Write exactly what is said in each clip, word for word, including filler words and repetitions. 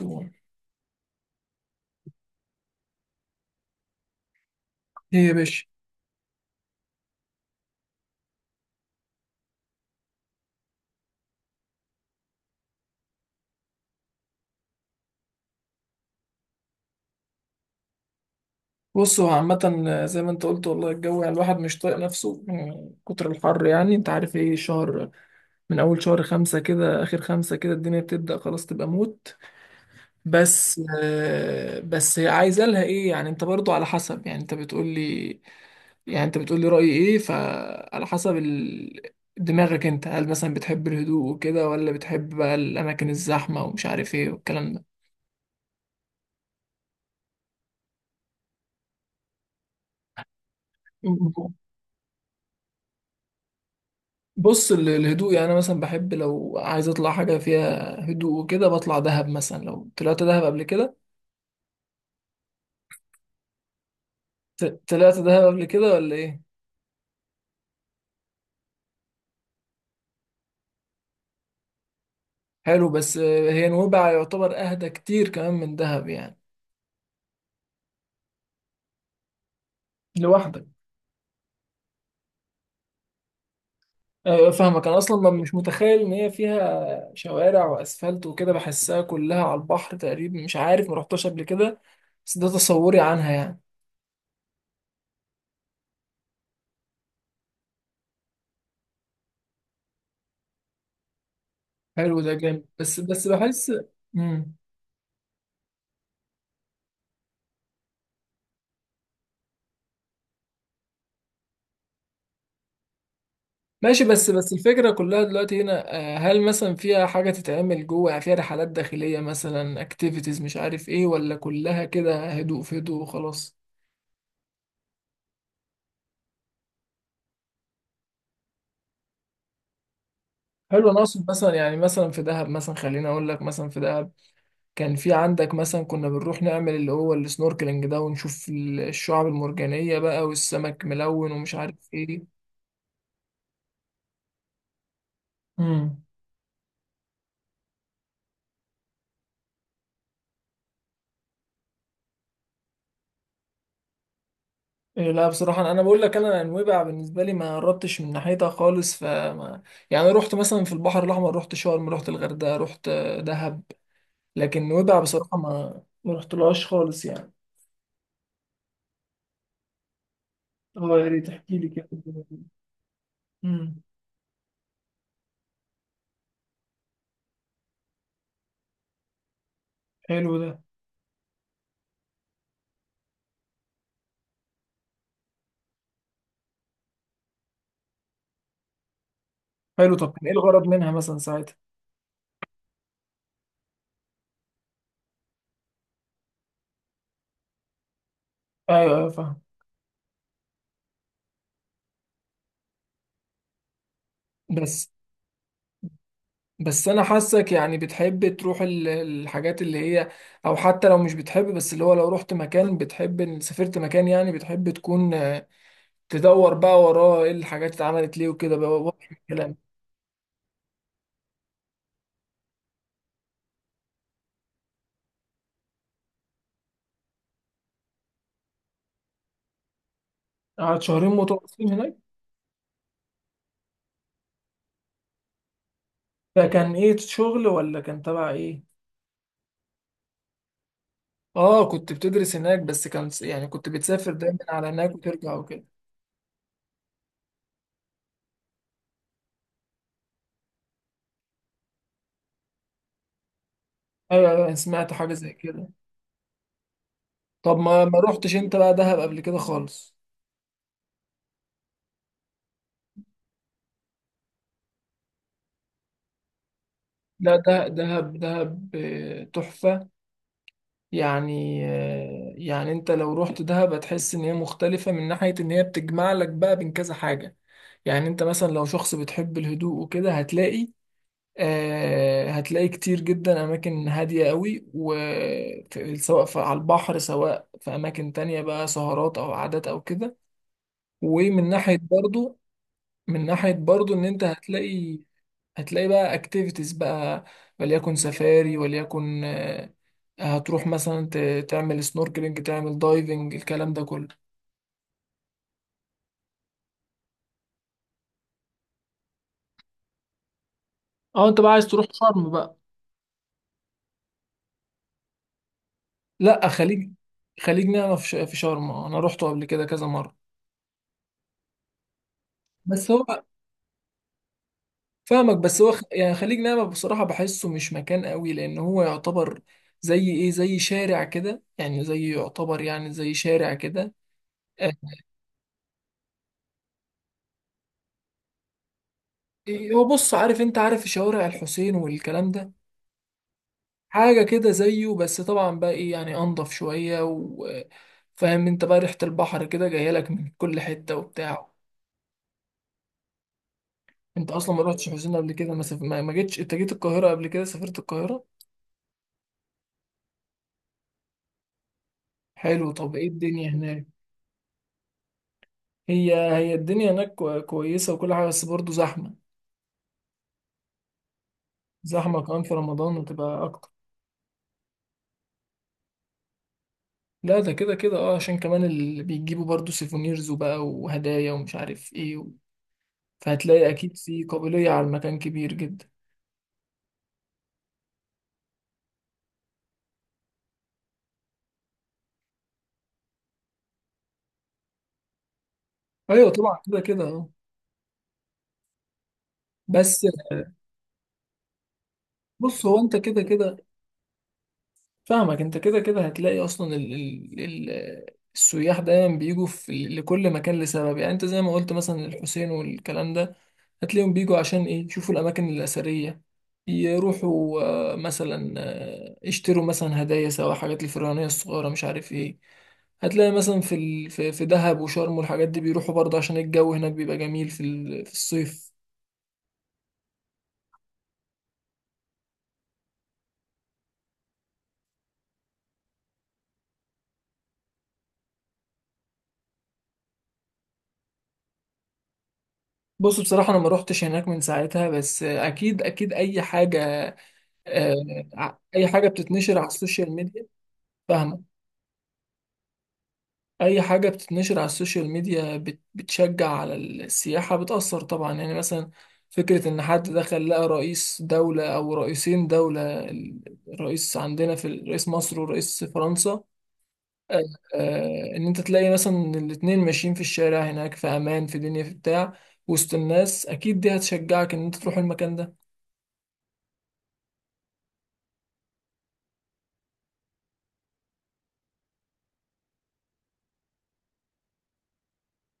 ايه يا باشا. بص، هو عامة زي ما انت قلت والله الجو، يعني الواحد مش طايق نفسه من كتر الحر، يعني انت عارف ايه شهر، من اول شهر خمسة كده اخر خمسة كده الدنيا بتبدأ خلاص تبقى موت. بس آه، بس هي عايزة لها ايه، يعني انت برضو على حسب، يعني انت بتقول لي يعني انت بتقول لي رأيي ايه، فعلى حسب ال... دماغك انت، هل مثلا بتحب الهدوء وكده ولا بتحب بقى الاماكن الزحمة ومش عارف ايه والكلام ده. بص، ال- الهدوء، يعني انا مثلا بحب لو عايز اطلع حاجه فيها هدوء وكده بطلع دهب مثلا. لو طلعت دهب قبل كده، ت- طلعت دهب قبل كده ولا ايه؟ حلو. بس آه، هي نويبع يعتبر اهدى كتير كمان من دهب يعني. لوحدك. آه، فاهمك. انا اصلا ما- مش متخيل ان هي فيها شوارع واسفلت وكده، بحسها كلها على البحر تقريبا، مش عارف، ما رحتش قبل كده، بس ده تصوري عنها يعني. حلو ده جامد. بس بس بحس. مم. ماشي. بس بس الفكرة كلها دلوقتي هنا، آه، هل مثلا فيها حاجة تتعمل جوه، يعني فيها رحلات داخلية مثلا، اكتيفيتيز مش عارف ايه، ولا كلها كده هدوء في هدوء وخلاص؟ حلو. انا اقصد مثلا، يعني مثلا في دهب، مثلا خليني اقول لك، مثلا في دهب كان في عندك مثلا، كنا بنروح نعمل اللي هو السنوركلينج ده ونشوف ال- الشعاب المرجانية بقى، والسمك ملون ومش عارف ايه. مم. إيه، لا بصراحة، أنا أنا بقول لك، أنا نويبع بالنسبة لي ما قربتش من ناحيتها خالص فما، يعني رحت مثلا في البحر الأحمر، رحت شرم، رحت الغردقة، رحت آه، دهب، لكن نويبع بصراحة ما ما رحتلهاش خالص يعني. اه، يا ريت تحكي لي كده. امم حلو ده. حلو. طب كان إيه الغرض منها مثلا ساعتها؟ أيوه أيوه، فاهم. بس بس أنا حاسك يعني بتحب تروح ال- الحاجات اللي هي، أو حتى لو مش بتحب، بس اللي هو لو رحت مكان بتحب، سافرت مكان، يعني بتحب تكون تدور بقى وراه ايه الحاجات اللي اتعملت ليه وكده بقى، واضح الكلام. قعدت شهرين متواصلين هناك؟ فكان ايه، شغل ولا كان تبع ايه؟ اه، كنت بتدرس هناك؟ بس كان س- يعني كنت بتسافر دايما على هناك وترجع وكده. ايوه ايوه، أنا سمعت حاجه زي كده. طب ما ما روحتش انت بقى دهب قبل كده خالص؟ لا، ده دهب، دهب آه، تحفه. يعني آه، يعني انت لو رحت دهب هتحس ان هي مختلفه، من ناحيه ان هي بتجمع لك بقى بين كذا حاجه، يعني انت مثلا لو شخص بتحب الهدوء وكده هتلاقي، آه، هتلاقي كتير جدا أماكن هادية قوي، و في- سواء في على البحر، سواء في أماكن تانية بقى، سهرات أو عادات أو كده. ومن ناحية برضو، من ناحية برضو إن أنت هتلاقي هتلاقي بقى أكتيفيتيز بقى، وليكن سفاري، وليكن آه، هتروح مثلا ت- تعمل سنوركلينج، تعمل دايفنج، الكلام ده كله. أه، أنت بقى عايز تروح شرم بقى؟ لأ، خليج، خليج نعمة في ش- في شرم آه، أنا روحته قبل كده كذا مرة. بس هو، فاهمك. بس هو خ- يعني خليج نعمة بصراحة بحسه مش مكان قوي، لأن هو يعتبر زي إيه، زي شارع كده يعني، زي يعتبر يعني زي شارع كده. آه، إيه، هو بص، عارف أنت، عارف شوارع الحسين والكلام ده؟ حاجة كده زيه، بس طبعا بقى إيه يعني، أنضف شوية، وفاهم أنت بقى ريحة البحر كده جاية لك من كل حتة وبتاع. أنت أصلا ما رحتش حسين قبل كده، ما, سف... ما ما جيتش أنت، جيت القاهرة قبل كده، سافرت القاهرة؟ حلو. طب إيه الدنيا هناك؟ هي هي الدنيا هناك كو- كويسة وكل حاجة، بس برضه زحمة. زحمة كمان في رمضان، وتبقى أكتر. لا ده كده كده اه، عشان كمان اللي بيجيبوا برضه سيفونيرز وبقى وهدايا، ومش عارف ايه و... فهتلاقي أكيد في قابلية على المكان كبير جدا. أيوة طبعا، كده كده اه. بس بص، هو أنت كده كده فاهمك، انت كده كده هتلاقي اصلا ال ال ال السياح دايما بيجوا في لكل مكان لسبب، يعني انت زي ما قلت مثلا الحسين والكلام ده، هتلاقيهم بيجوا عشان ايه، يشوفوا الاماكن الاثريه، يروحوا آه، مثلا آه، يشتروا مثلا هدايا، سواء حاجات الفرعونيه الصغيره، مش عارف ايه. هتلاقي مثلا في ال... في في دهب وشرم والحاجات دي، بيروحوا برضه عشان الجو هناك بيبقى جميل في ال... في الصيف. بص، بصراحة أنا ما روحتش هناك من ساعتها، بس أكيد أكيد أي حاجة آه، ع- اي حاجه بتتنشر على السوشيال ميديا، فاهمه. اي حاجه بتتنشر على السوشيال ميديا بت- بتشجع على السياحه، بتاثر طبعا يعني. مثلا فكره ان حد دخل لقى رئيس دوله او رئيسين دوله، ال- الرئيس عندنا، في ال- رئيس مصر ورئيس فرنسا، آه، آه، ان انت تلاقي مثلا الاتنين ماشيين في الشارع هناك، في امان، في دنيا، في بتاع، وسط الناس، اكيد دي هتشجعك ان انت تروح المكان ده.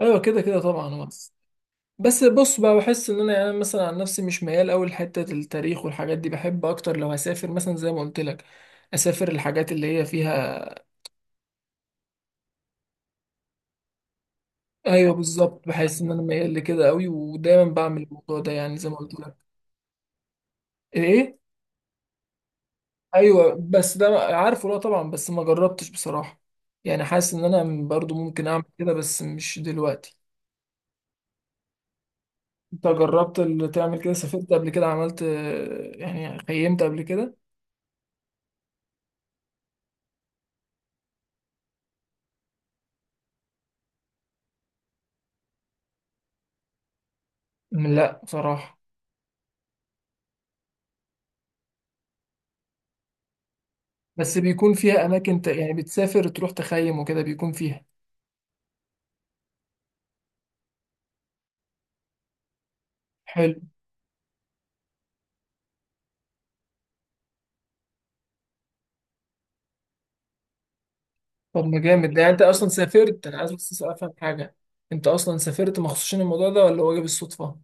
ايوه كده كده طبعا. بس بص بقى، بحس ان انا يعني، أنا مثلا عن نفسي مش ميال قوي لحته التاريخ والحاجات دي، بحب اكتر لو هسافر مثلا زي ما قلت لك، اسافر الحاجات اللي هي فيها. ايوه بالظبط، بحس ان انا ميال لكده قوي، ودايما بعمل الموضوع ده، يعني زي ما قلت لك. ايه؟ ايوه، بس ده عارفه، لا طبعا، بس ما جربتش بصراحه، يعني حاسس ان انا برضو ممكن اعمل كده، بس مش دلوقتي. انت جربت؟ اللي تعمل كده، سافرت قبل كده، عملت آه، يعني خيمت قبل كده؟ لا بصراحه. بس بيكون فيها اماكن ت... يعني بتسافر تروح تخيم وكده، بيكون فيها؟ حلو. طب ما جامد ده. يعني انت اصلا سافرت، انا عايز بس افهم حاجه، انت اصلا سافرت مخصوص عشان الموضوع ده، ولا هو جه بالصدفه؟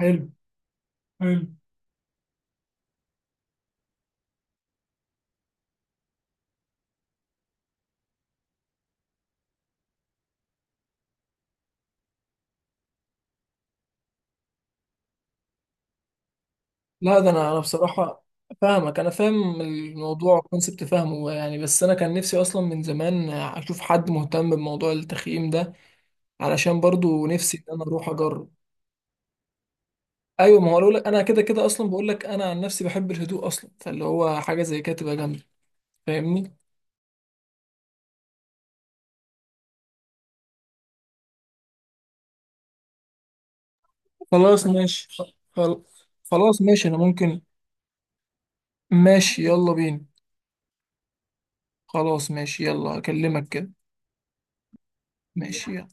حلو. حلو. لا ده انا انا بصراحه فاهمك. انا فاهم الموضوع، الكونسبت فاهمه يعني. بس انا كان نفسي اصلا من زمان اشوف حد مهتم بموضوع التخييم ده، علشان برضو نفسي ان انا اروح اجرب. ايوه، ما هو أقول لك، انا كده كده اصلا بقول لك انا عن نفسي بحب الهدوء اصلا، فاللي هو حاجه زي كده تبقى جامده. فاهمني. خلاص ماشي. خل- خلاص ماشي انا ممكن. ماشي، يلا بينا. خلاص ماشي، يلا اكلمك كده. ماشي يلا.